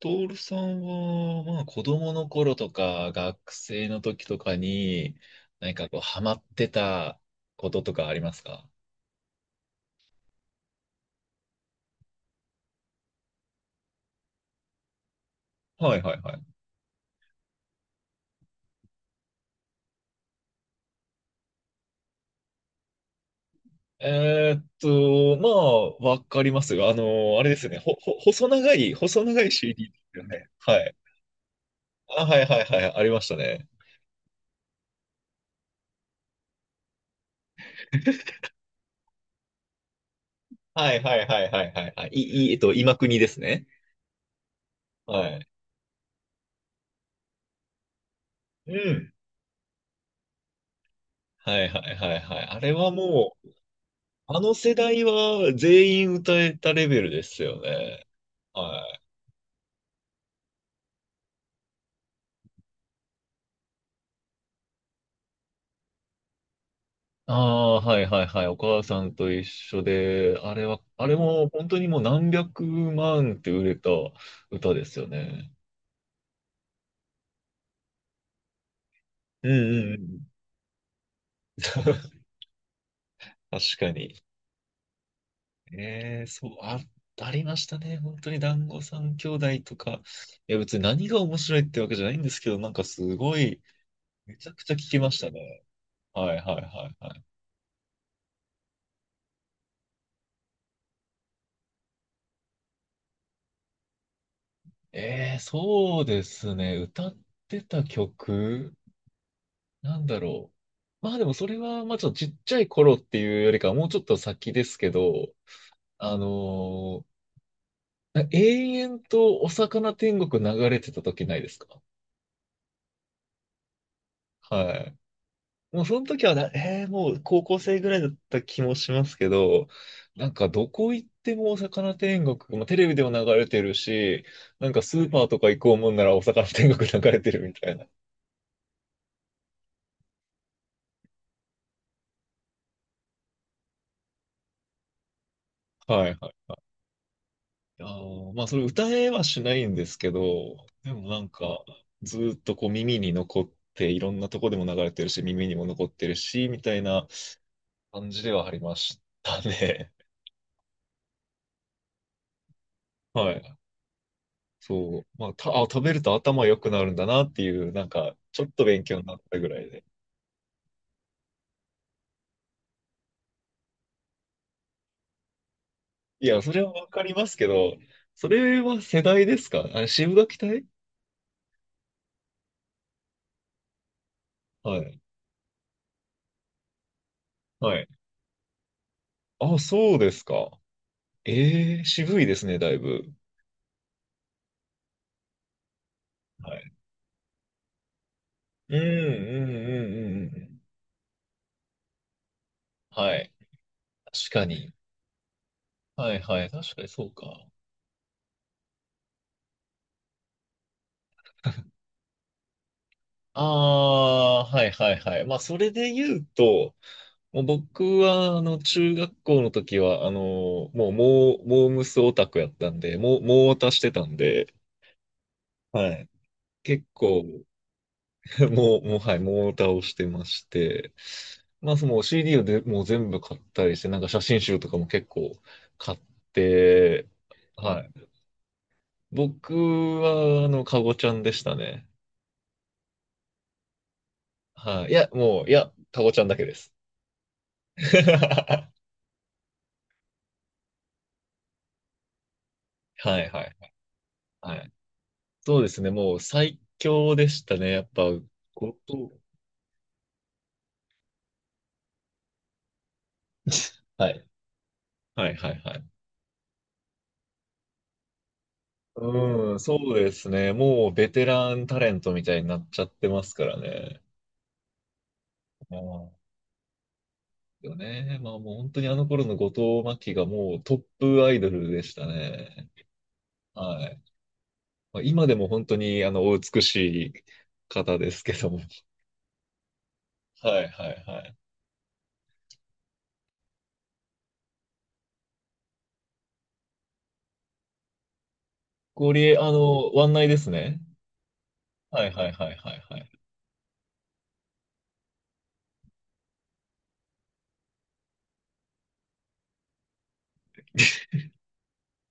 トールさんは、まあ、子供の頃とか、学生の時とかに、何かこう、ハマってたこととかありますか？はいはいはい。えーっと、まあ、わかりますよ。あの、あれですよね。細長い、細長い CD ですよね。はい。あ、はいはいはい。ありましたね。はいはいはいはいはいはい。今国ですね。はい。うん。はいはいはいはい。あれはもう、あの世代は全員歌えたレベルですよね。はい。ああー、はいはいはい。お母さんと一緒で、あれは、あれも本当にもう何百万って売れた歌ですよね。うんうんうん。確かに。ええそう、あ、ありましたね。本当に団子三兄弟とか。いや、別に何が面白いってわけじゃないんですけど、なんかすごい、めちゃくちゃ聞きましたね。はいはいはいはい。ええそうですね。歌ってた曲。なんだろう。まあでもそれは、まあちょっとちっちゃい頃っていうよりかはもうちょっと先ですけど、あのー永遠とお魚天国流れてた時ないですか？はい。もうその時はな、もう高校生ぐらいだった気もしますけど、なんかどこ行ってもお魚天国、まあテレビでも流れてるし、なんかスーパーとか行こうもんならお魚天国流れてるみたいな。はいはい。あーまあ、それ歌えはしないんですけど、でもなんか、ずーっとこう耳に残って、いろんなとこでも流れてるし、耳にも残ってるし、みたいな感じではありましたね。はい。そう。まあ、食べると頭良くなるんだなっていう、なんか、ちょっと勉強になったぐらいで。いや、それはわかりますけど、それは世代ですかあ、渋柿隊。はい。はい。あ、そうですか。ええ渋いですね、だいぶ。はい。うん、うん、うん、うん。うん、はい。確かに。はいはい。確かにそうか。ああ、はいはいはい。まあ、それで言うと、もう僕は、あの、中学校の時は、あの、もう、モームスオタクやったんで、もう、モーオタしてたんで、はい。結構、もう、もう、はい、モーオタをしてまして、まあ、その CD をでもう全部買ったりして、なんか写真集とかも結構買って、はい。僕は、あの、カゴちゃんでしたね。はい。いや、もう、いや、タコちゃんだけです。はいはいはい。はい。そうですね。もう最強でしたね。やっぱ、後藤。はい。はいはいはい。うん、そうですね。もうベテランタレントみたいになっちゃってますからね。ああ、よね。まあもう本当にあの頃の後藤真希がもうトップアイドルでしたね。はい。まあ、今でも本当にあのお美しい方ですけども。はいはいはい。あの、湾内ですね。はいはいはいはいはい。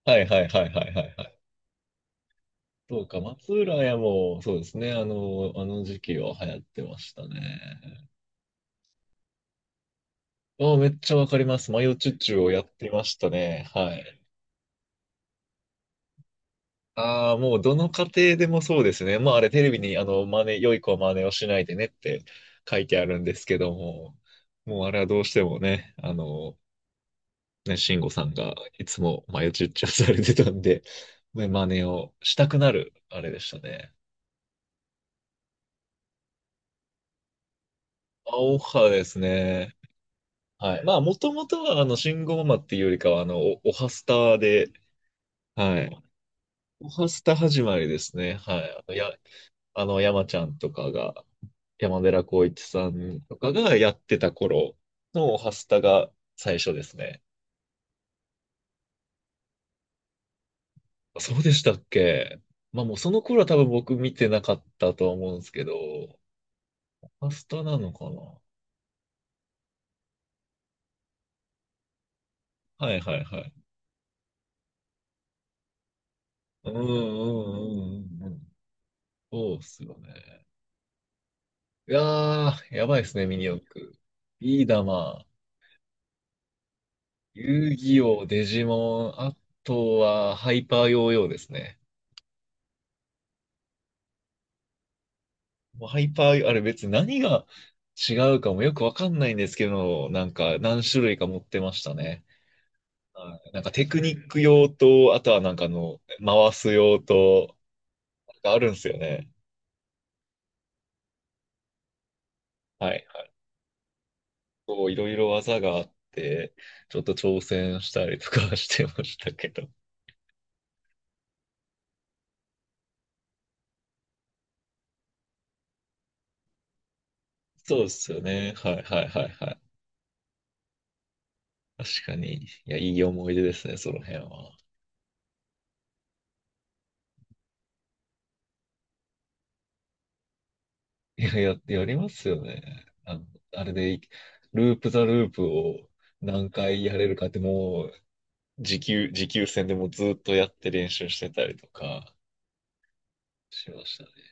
はいはいはいはいはいはい。そうか、松浦屋も、そうですね。あの時期は流行ってましたね。ああ、めっちゃわかります。マヨチュチュをやってましたね。はい。ああ、もうどの家庭でもそうですね。まああれテレビに、あの、良い子は真似をしないでねって書いてあるんですけども、もうあれはどうしてもね、あの、ね、慎吾さんがいつもマヨチュッチュされてたんで、ね真似をしたくなる、あれでしたね。アオハですね。はい。まあ、もともとは、あの、信号ママっていうよりかは、あの、おはスタで、はい。おはスタ始まりですね。はい。あの、や、あの、山ちゃんとかが、山寺宏一さんとかがやってた頃のおはスタが最初ですね。そうでしたっけ？まあ、もうその頃は多分僕見てなかったと思うんですけど、おはスタなのかな？はいはいはい。うんうんうんうんうん。そうっすよね。いやー、やばいですね、ミニ四駆。ビーダマ遊戯王、デジモン、あとはハイパーヨーヨーですね。もうハイパー、あれ別に何が違うかもよくわかんないんですけど、なんか何種類か持ってましたね。はい、なんかテクニック用と、あとはなんかあの、回す用と、なんかあるんですよね。はいはい。こういろいろ技があって、ちょっと挑戦したりとかはしてましたけど。そうですよね。はいはいはいはい。確かに。いや、いい思い出ですね、その辺は。いや、やりますよね。あの、あれで、ループザループを何回やれるかってもう、持久戦でもうずっとやって練習してたりとかしましたね。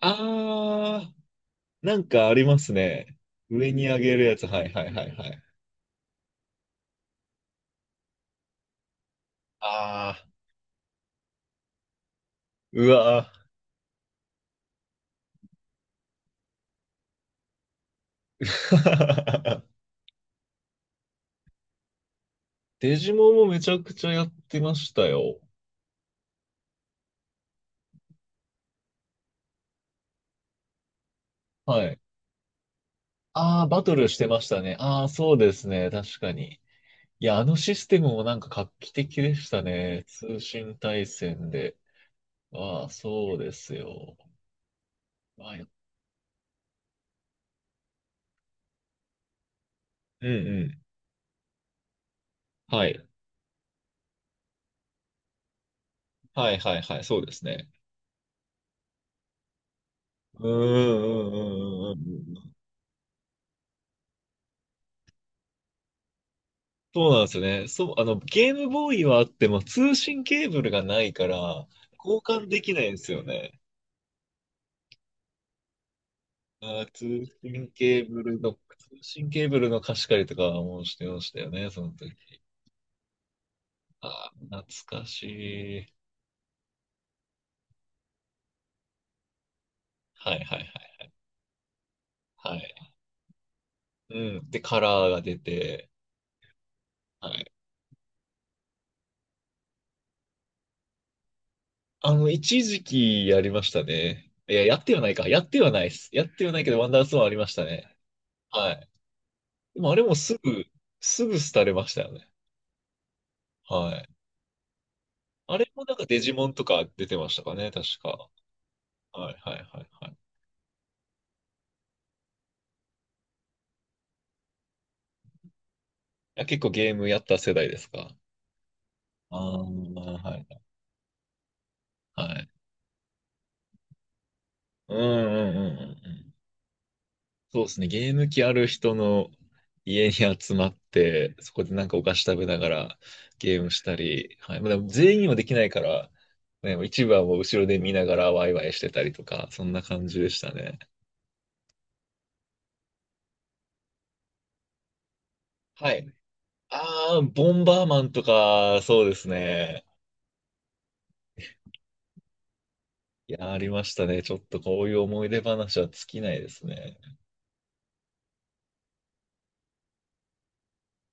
あー、なんかありますね。上に上げるやつ。はいはいはいはい。あー、うわー。デジモンもめちゃくちゃやってましたよ。はい。あー、バトルしてましたね。あー、そうですね。確かに。いや、あのシステムもなんか画期的でしたね。通信対戦で。ああ、そうですよ。まあ、や、うんうん。はい。はいはいはい。そうですね。うんうんうんうんうんうん。そうなんですよね。そう、あの、ゲームボーイはあっても通信ケーブルがないから、交換できないんですよね。あー、通信ケーブルの貸し借りとかもしてましたよね、その時。ああ、懐かしい。はいはいはい。はい、うん。で、カラーが出て、はい。あの、一時期やりましたね。いや、やってはないか。やってはないです。やってはないけど、ワンダーストーンありましたね。はい。でも、あれもすぐ廃れましたよね。はい。あれもなんかデジモンとか出てましたかね、確か。はい、はい、はい、はい。いや、結構ゲームやった世代ですか？ああー、はい。はい。うん、うん、うん、うん。そうですね。ゲーム機ある人の家に集まって、そこでなんかお菓子食べながらゲームしたり、はい。まあ、でも全員にはできないから、ね、一部はもう後ろで見ながらワイワイしてたりとか、そんな感じでしたね。はい。ああ、ボンバーマンとか、そうですね。いや、ありましたね。ちょっとこういう思い出話は尽きないですね。